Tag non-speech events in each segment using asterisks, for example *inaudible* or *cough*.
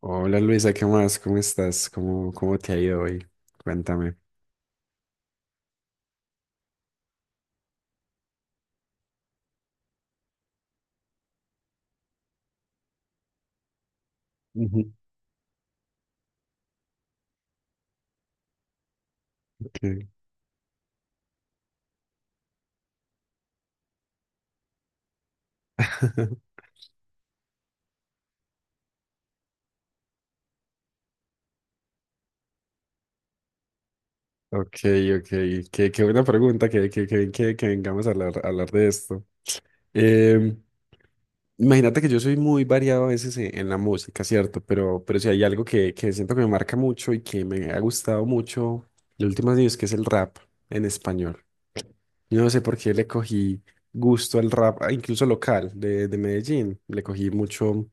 Hola Luisa, ¿qué más? ¿Cómo estás? ¿Cómo te ha ido hoy? Cuéntame. Ujú. ¿Qué? *laughs* Ok, ok. Qué buena pregunta, que vengamos a hablar, de esto. Em, imagínate que yo soy muy variado a veces en la música, ¿cierto? Pero si hay algo que siento que me marca mucho y que me ha gustado mucho los últimos años, que es el rap en español. Yo no sé por qué le cogí gusto al rap, incluso local, de Medellín. Le cogí mucho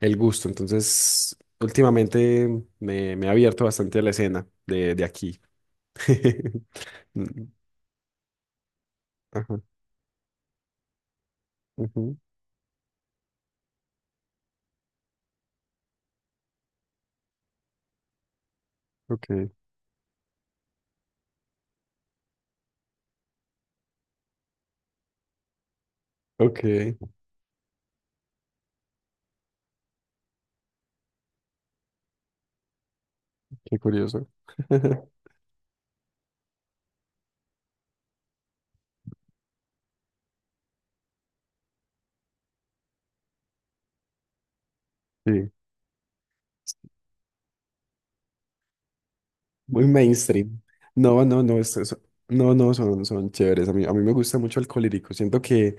el gusto. Entonces, últimamente me he abierto bastante a la escena de aquí. *laughs* Mm, ajá, ujú, ok, ok, qué curioso. *laughs* Sí, muy mainstream. No, no, no, no, no, son chéveres. A mí me gusta mucho el colírico. Siento que,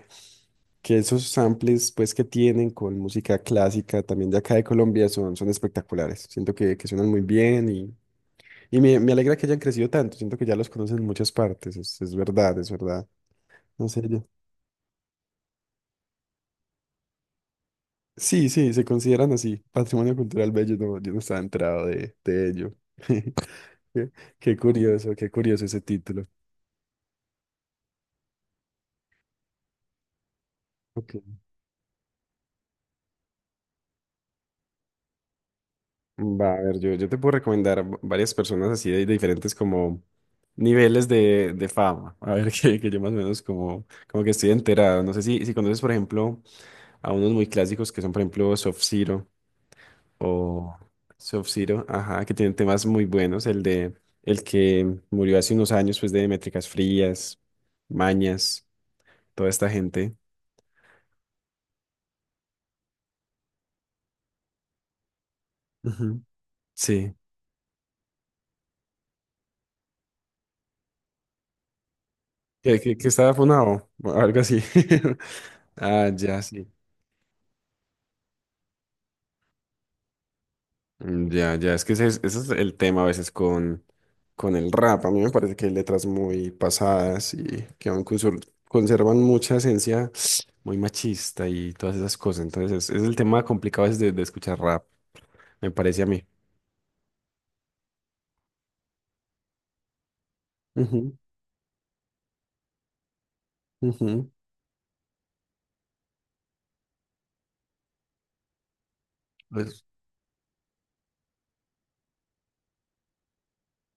que esos samples pues, que tienen con música clásica también de acá de Colombia son espectaculares. Siento que suenan muy bien. Y me alegra que hayan crecido tanto. Siento que ya los conocen en muchas partes. Es verdad, es verdad. No sé yo. Sí, sí, se consideran así. Patrimonio cultural bello. No, yo no estaba enterado de ello. *laughs* Qué, qué curioso, qué curioso ese título. Ok. Va, a ver, yo te puedo recomendar varias personas así de, diferentes como niveles de fama. A ver, *laughs* que yo más o menos como que estoy enterado. No sé si conoces, por ejemplo, a unos muy clásicos que son, por ejemplo, Soft Ciro. O Sub-Zero, ajá, que tienen temas muy buenos. El que murió hace unos años, pues de Métricas Frías, Mañas, toda esta gente. Ujú. Sí. Que estaba funado, o algo así. *laughs* Ah, ya, sí. Mm, ya, ya, es que ese es el tema a veces con el rap. A mí me parece que hay letras muy pasadas y que aún conservan mucha esencia muy machista y todas esas cosas. Entonces, es el tema complicado a veces de escuchar rap, me parece a mí. Ujú, ujú, pues,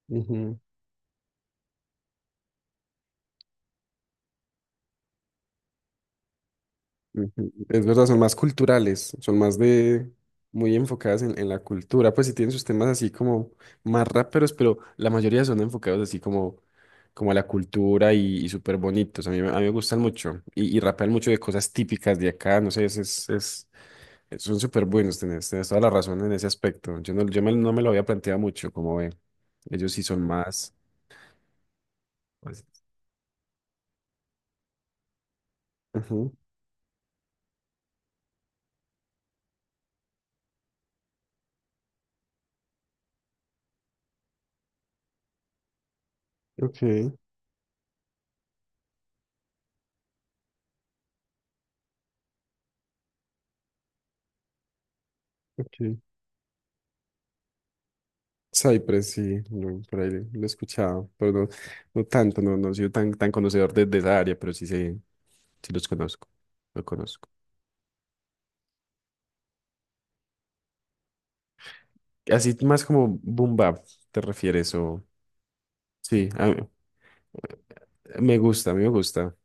ujú, ujú. Es verdad, son más culturales, son más de muy enfocadas en la cultura, pues sí tienen sus temas así como más raperos, pero la mayoría son enfocados así como a la cultura y súper bonitos. A mí me gustan mucho y rapean mucho de cosas típicas de acá, no sé, son súper buenos, tenés toda la razón en ese aspecto. Yo no me lo había planteado mucho, como ve, ellos sí son más. Pues, ujú, ok, ok. Cypress, sí, no, por ahí lo he escuchado, pero no, no tanto, no, no he sido tan conocedor de esa área, pero sí sé, sí los conozco, lo conozco. Así más como boom bap, ¿te refieres? O, sí, me gusta, a mí me gusta,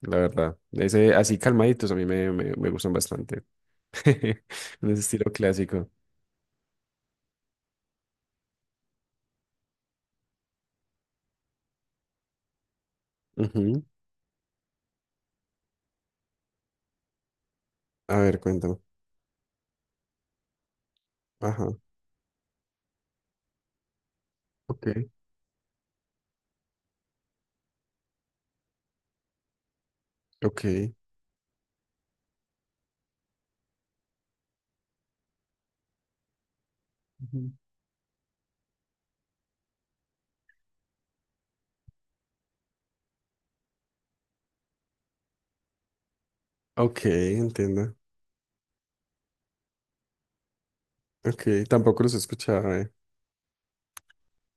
la verdad. Ese, así calmaditos a mí me gustan bastante, *laughs* en ese estilo clásico. Ujú. A ver, cuéntame. Ajá, ok, ok, ujú. Ok, entiendo. Ok, tampoco los he escuchado, eh.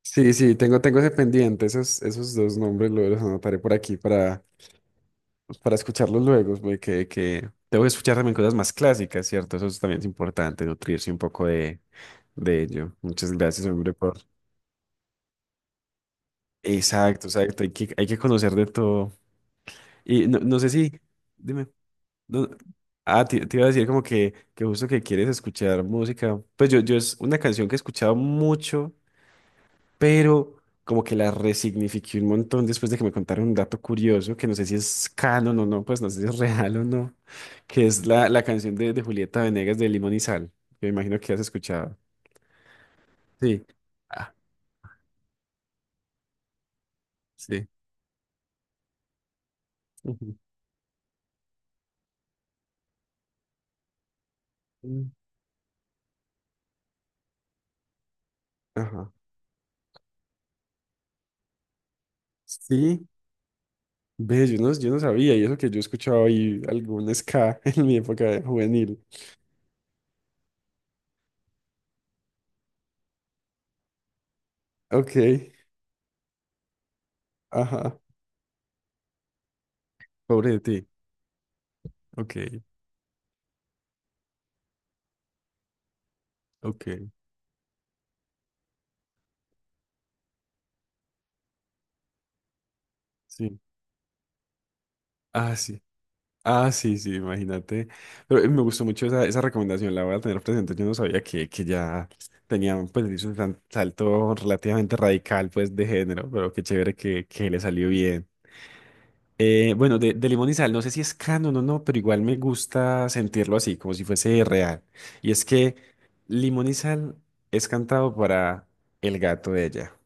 Sí, sí, tengo ese pendiente, esos dos nombres los anotaré por aquí para, pues, para escucharlos luego, güey, que tengo que escuchar también cosas más clásicas, ¿cierto? Eso también es importante, nutrirse un poco de ello. Muchas gracias, hombre, por... Exacto, exacto, hay que conocer de todo. Y no, no sé si, dime, no- te iba a decir como que justo que quieres escuchar música, pues yo es una canción que he escuchado mucho, pero como que la resignifiqué un montón después de que me contaron un dato curioso, que no sé si es canon o no, pues no sé si es real o no, que es la canción de Julieta Venegas, de Limón y Sal, que me imagino que has escuchado. Sí. Ah, sí. Ujú. Ajá. Sí, ve, yo no sabía, y eso que yo escuchaba ahí algún ska *laughs* en mi época juvenil. Ok, ajá, pobre de ti. Ok, ok, sí. Ah, sí. Ah, sí, sí, imagínate. Pero me gustó mucho esa recomendación, la voy a tener presente. Yo no sabía que ya tenía, pues, hizo un salto relativamente radical, pues, de género, pero qué chévere que le salió bien. Bueno, de Limón y Sal, no sé si es canon o no, pero igual me gusta sentirlo así, como si fuese real. Y es que Limón y Sal es cantado para el gato de ella.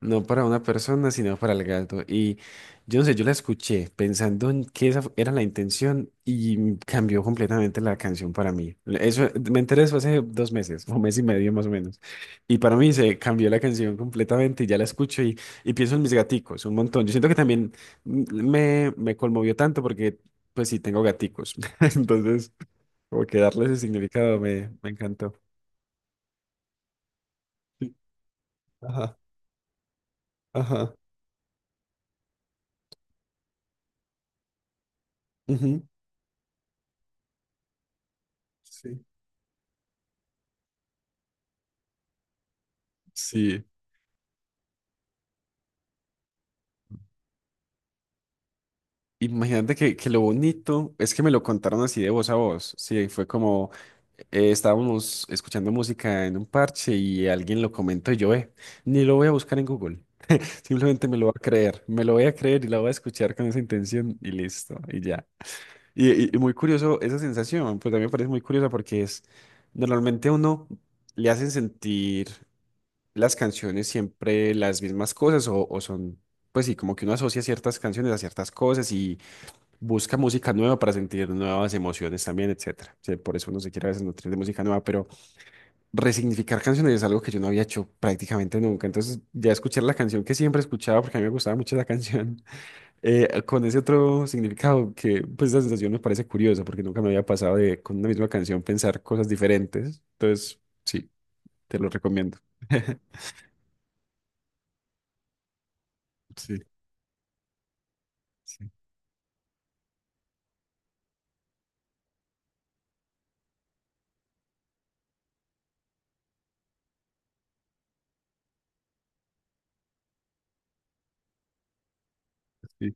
No para una persona, sino para el gato. Y yo no sé, yo la escuché pensando en que esa era la intención, y cambió completamente la canción para mí. Eso, me enteré eso hace 2 meses, o mes y medio más o menos. Y para mí se cambió la canción completamente y ya la escucho, y pienso en mis gaticos un montón. Yo siento que también me conmovió tanto porque, pues sí, tengo gaticos. *laughs* Entonces, como que darle ese significado me encantó. Sí. Ajá, ajá. Ujú. Sí. Sí. Imagínate que lo bonito es que me lo contaron así de voz a voz. Sí, fue como estábamos escuchando música en un parche y alguien lo comentó, y yo, ni lo voy a buscar en Google. *laughs* Simplemente me lo voy a creer, me lo voy a creer, y la voy a escuchar con esa intención y listo, y ya. Y muy curioso esa sensación, pues a mí me parece muy curiosa porque es, normalmente a uno le hacen sentir las canciones siempre las mismas cosas, o son, pues sí, como que uno asocia ciertas canciones a ciertas cosas, busca música nueva para sentir nuevas emociones también, etcétera. Sí, por eso uno se quiere a veces nutrir de música nueva, pero resignificar canciones es algo que yo no había hecho prácticamente nunca. Entonces, ya escuchar la canción que siempre escuchaba, porque a mí me gustaba mucho la canción, *laughs* con ese otro significado que, pues, la sensación me parece curiosa, porque nunca me había pasado, de con una misma canción pensar cosas diferentes. Entonces, sí, te lo recomiendo. *laughs* Sí, sí, sí.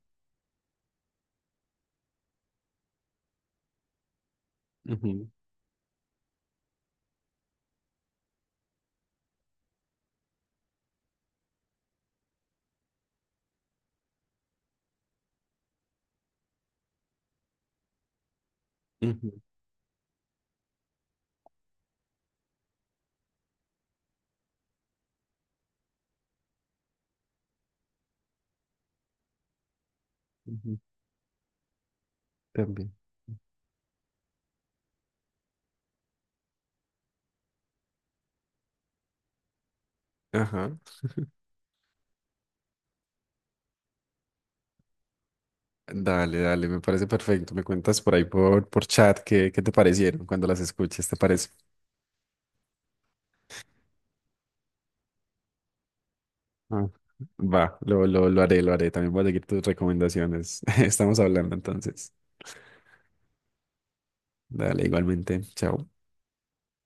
Ujú, ujú, ujú, también. Ajá. Dale, dale, me parece perfecto. Me cuentas por ahí por chat qué te parecieron cuando las escuches, ¿te parece? Ah, va, lo haré, lo haré. También voy a seguir tus recomendaciones. *laughs* Estamos hablando entonces. Dale, igualmente. Chao.